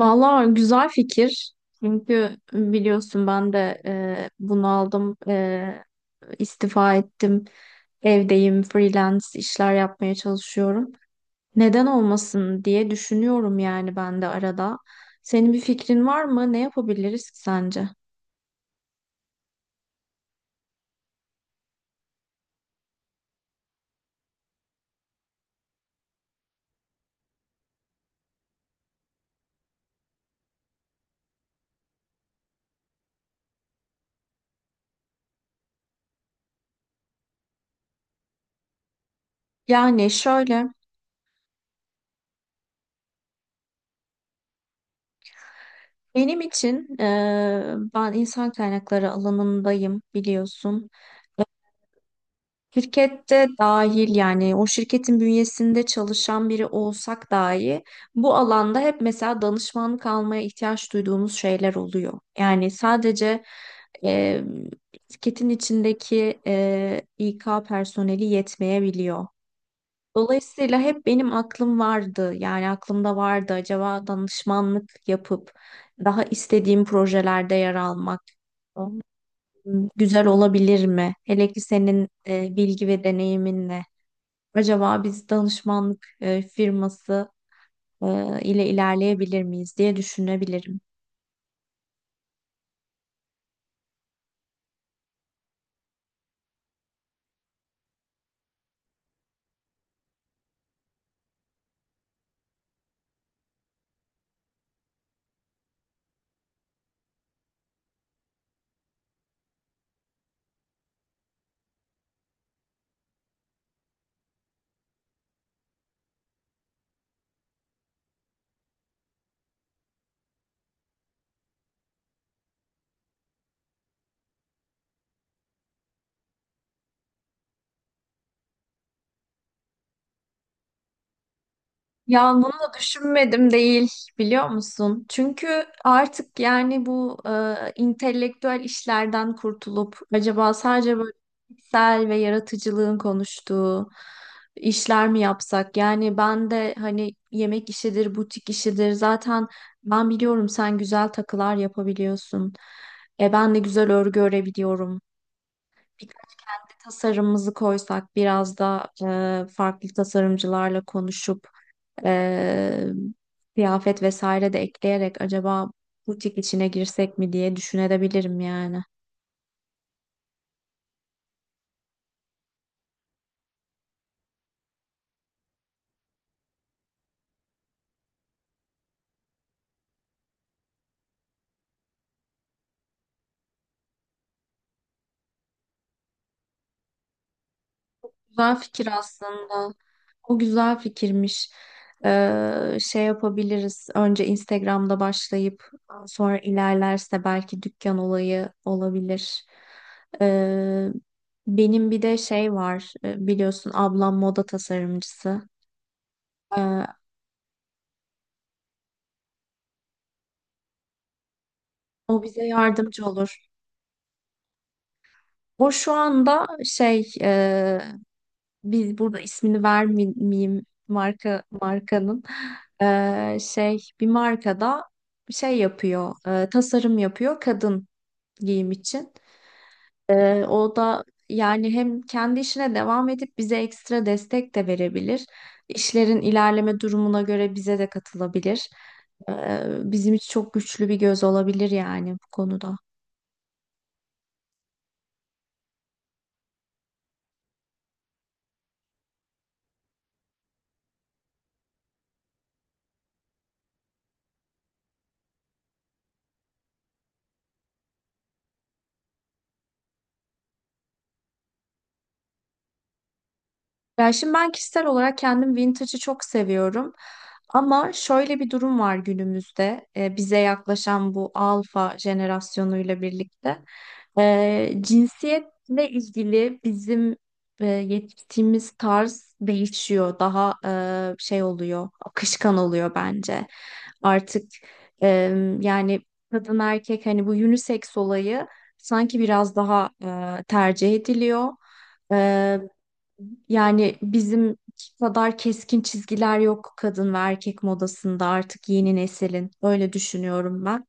Valla güzel fikir. Çünkü biliyorsun ben de bunaldım, istifa ettim, evdeyim, freelance işler yapmaya çalışıyorum. Neden olmasın diye düşünüyorum yani ben de arada. Senin bir fikrin var mı? Ne yapabiliriz ki sence? Yani şöyle, benim için ben insan kaynakları alanındayım biliyorsun. Şirkette dahil yani o şirketin bünyesinde çalışan biri olsak dahi bu alanda hep mesela danışmanlık almaya ihtiyaç duyduğumuz şeyler oluyor. Yani sadece e, şirketin içindeki İK personeli yetmeyebiliyor. Dolayısıyla hep benim aklım vardı yani aklımda vardı acaba danışmanlık yapıp daha istediğim projelerde yer almak güzel olabilir mi? Hele ki senin bilgi ve deneyiminle. Acaba biz danışmanlık firması e, ile ilerleyebilir miyiz diye düşünebilirim. Ya bunu da düşünmedim değil biliyor musun? Çünkü artık yani bu intelektüel işlerden kurtulup acaba sadece böyle fikirsel ve yaratıcılığın konuştuğu işler mi yapsak? Yani ben de hani yemek işidir, butik işidir zaten ben biliyorum sen güzel takılar yapabiliyorsun. E, ben de güzel örgü örebiliyorum. Birkaç da tasarımımızı koysak biraz da farklı tasarımcılarla konuşup ee, kıyafet vesaire de ekleyerek acaba butik içine girsek mi diye düşünebilirim yani. Güzel fikir aslında. O güzel fikirmiş. Şey yapabiliriz. Önce Instagram'da başlayıp sonra ilerlerse belki dükkan olayı olabilir. Ee, Benim bir de şey var. Biliyorsun ablam moda tasarımcısı. Ee, O bize yardımcı olur. O şu anda şey biz burada ismini vermeyeyim marka markanın. Bir markada şey yapıyor, tasarım yapıyor, kadın giyim için. O da yani hem kendi işine devam edip bize ekstra destek de verebilir. İşlerin ilerleme durumuna göre bize de katılabilir. Bizim için çok güçlü bir göz olabilir yani bu konuda. Ya şimdi ben kişisel olarak kendim vintage'ı çok seviyorum. Ama şöyle bir durum var günümüzde bize yaklaşan bu alfa jenerasyonuyla birlikte. Cinsiyetle ilgili bizim yetiştiğimiz tarz değişiyor. Daha şey oluyor, akışkan oluyor bence. Artık e, yani kadın erkek hani bu unisex olayı sanki biraz daha tercih ediliyor. Yani bizim kadar keskin çizgiler yok kadın ve erkek modasında artık yeni neslin. Öyle düşünüyorum ben.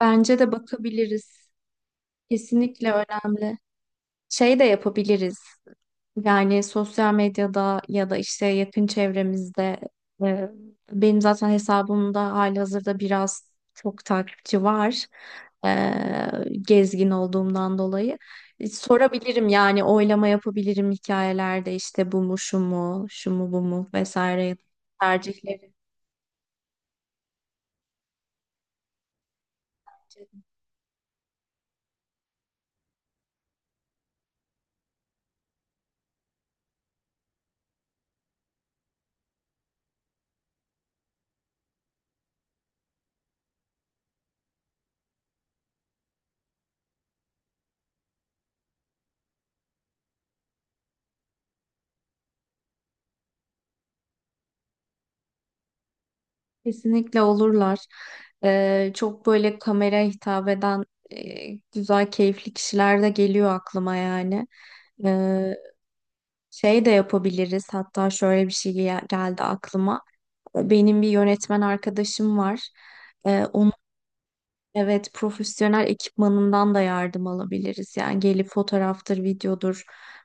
Bence de bakabiliriz. Kesinlikle önemli. Şey de yapabiliriz. Yani sosyal medyada ya da işte yakın çevremizde e, benim zaten hesabımda halihazırda biraz çok takipçi var. E, gezgin olduğumdan dolayı. E, sorabilirim yani oylama yapabilirim hikayelerde işte bu mu şu mu şu mu bu mu vesaire tercihleri. Kesinlikle olurlar. Çok böyle kameraya hitap eden e, güzel keyifli kişiler de geliyor aklıma yani. E, Şey de yapabiliriz. Hatta şöyle bir şey geldi aklıma. Benim bir yönetmen arkadaşım var. Onun, evet, profesyonel ekipmanından da yardım alabiliriz. Yani gelip fotoğraftır, videodur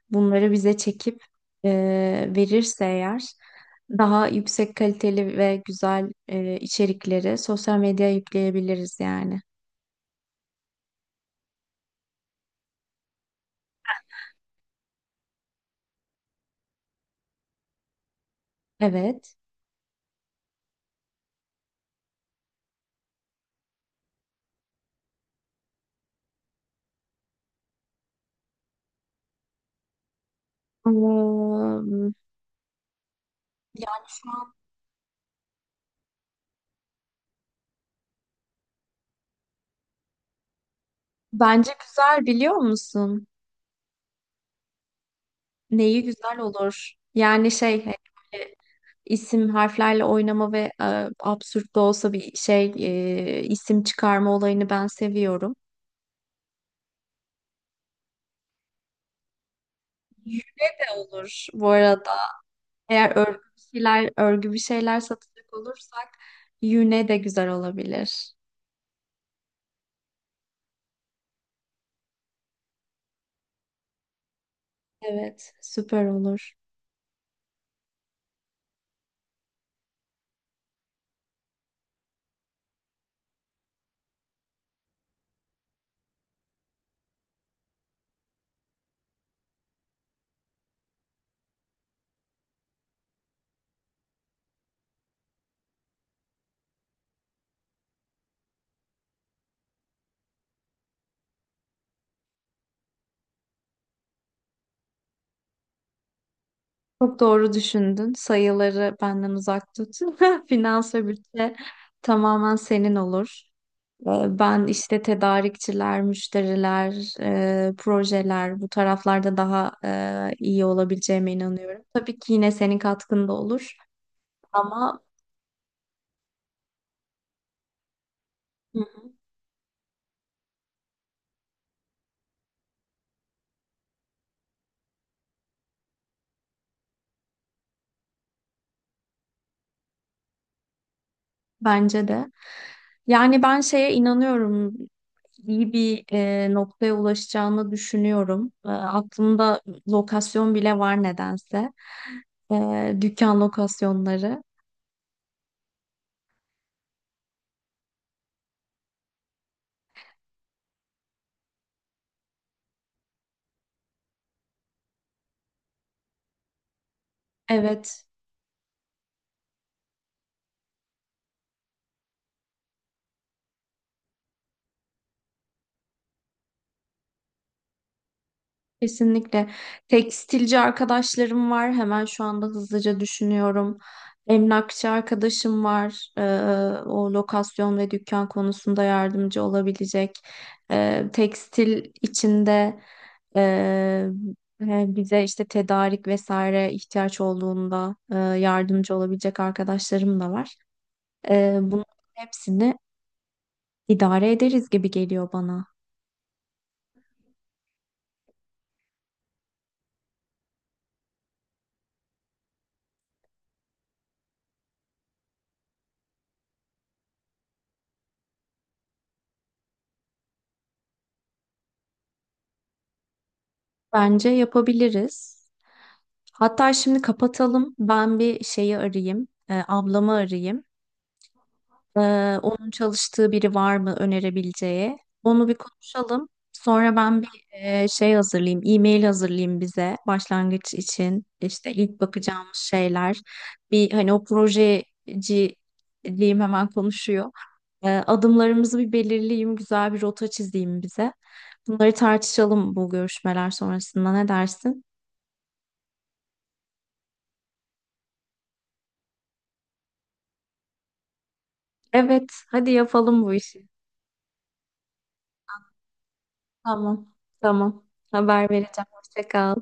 bunları bize çekip e, verirse eğer daha yüksek kaliteli ve güzel içerikleri sosyal medyaya yükleyebiliriz yani. Evet. Eee, Yani şu an bence güzel biliyor musun? Neyi güzel olur. Yani şey hani böyle isim harflerle oynama ve absürt de olsa bir şey isim çıkarma olayını ben seviyorum. Yüre de olur bu arada. Eğer örgü bir şeyler, örgü bir şeyler satacak olursak yüne de güzel olabilir. Evet, süper olur. Çok doğru düşündün. Sayıları benden uzak tut. Finans ve bütçe tamamen senin olur. Ben işte tedarikçiler, müşteriler, projeler bu taraflarda daha iyi olabileceğime inanıyorum. Tabii ki yine senin katkın da olur ama Hı, bence de. Yani ben şeye inanıyorum. İyi bir noktaya ulaşacağını düşünüyorum. E, aklımda lokasyon bile var nedense. Dükkan lokasyonları. Evet. Kesinlikle. Tekstilci arkadaşlarım var. Hemen şu anda hızlıca düşünüyorum. Emlakçı arkadaşım var. O lokasyon ve dükkan konusunda yardımcı olabilecek. Tekstil içinde e, bize işte tedarik vesaire ihtiyaç olduğunda yardımcı olabilecek arkadaşlarım da var. Bunun hepsini İdare ederiz gibi geliyor bana. Bence yapabiliriz. Hatta şimdi kapatalım. Ben bir şeyi arayayım. Ablamı arayayım. Onun çalıştığı biri var mı önerebileceği? Onu bir konuşalım. Sonra ben bir şey hazırlayayım, e-mail hazırlayayım bize başlangıç için. İşte ilk bakacağımız şeyler. Bir hani o projeciliğim hemen konuşuyor. Adımlarımızı bir belirleyeyim, güzel bir rota çizeyim bize. Bunları tartışalım bu görüşmeler sonrasında, ne dersin? Evet, hadi yapalım bu işi. Tamam, tamam. Haber vereceğim. Hoşça kal.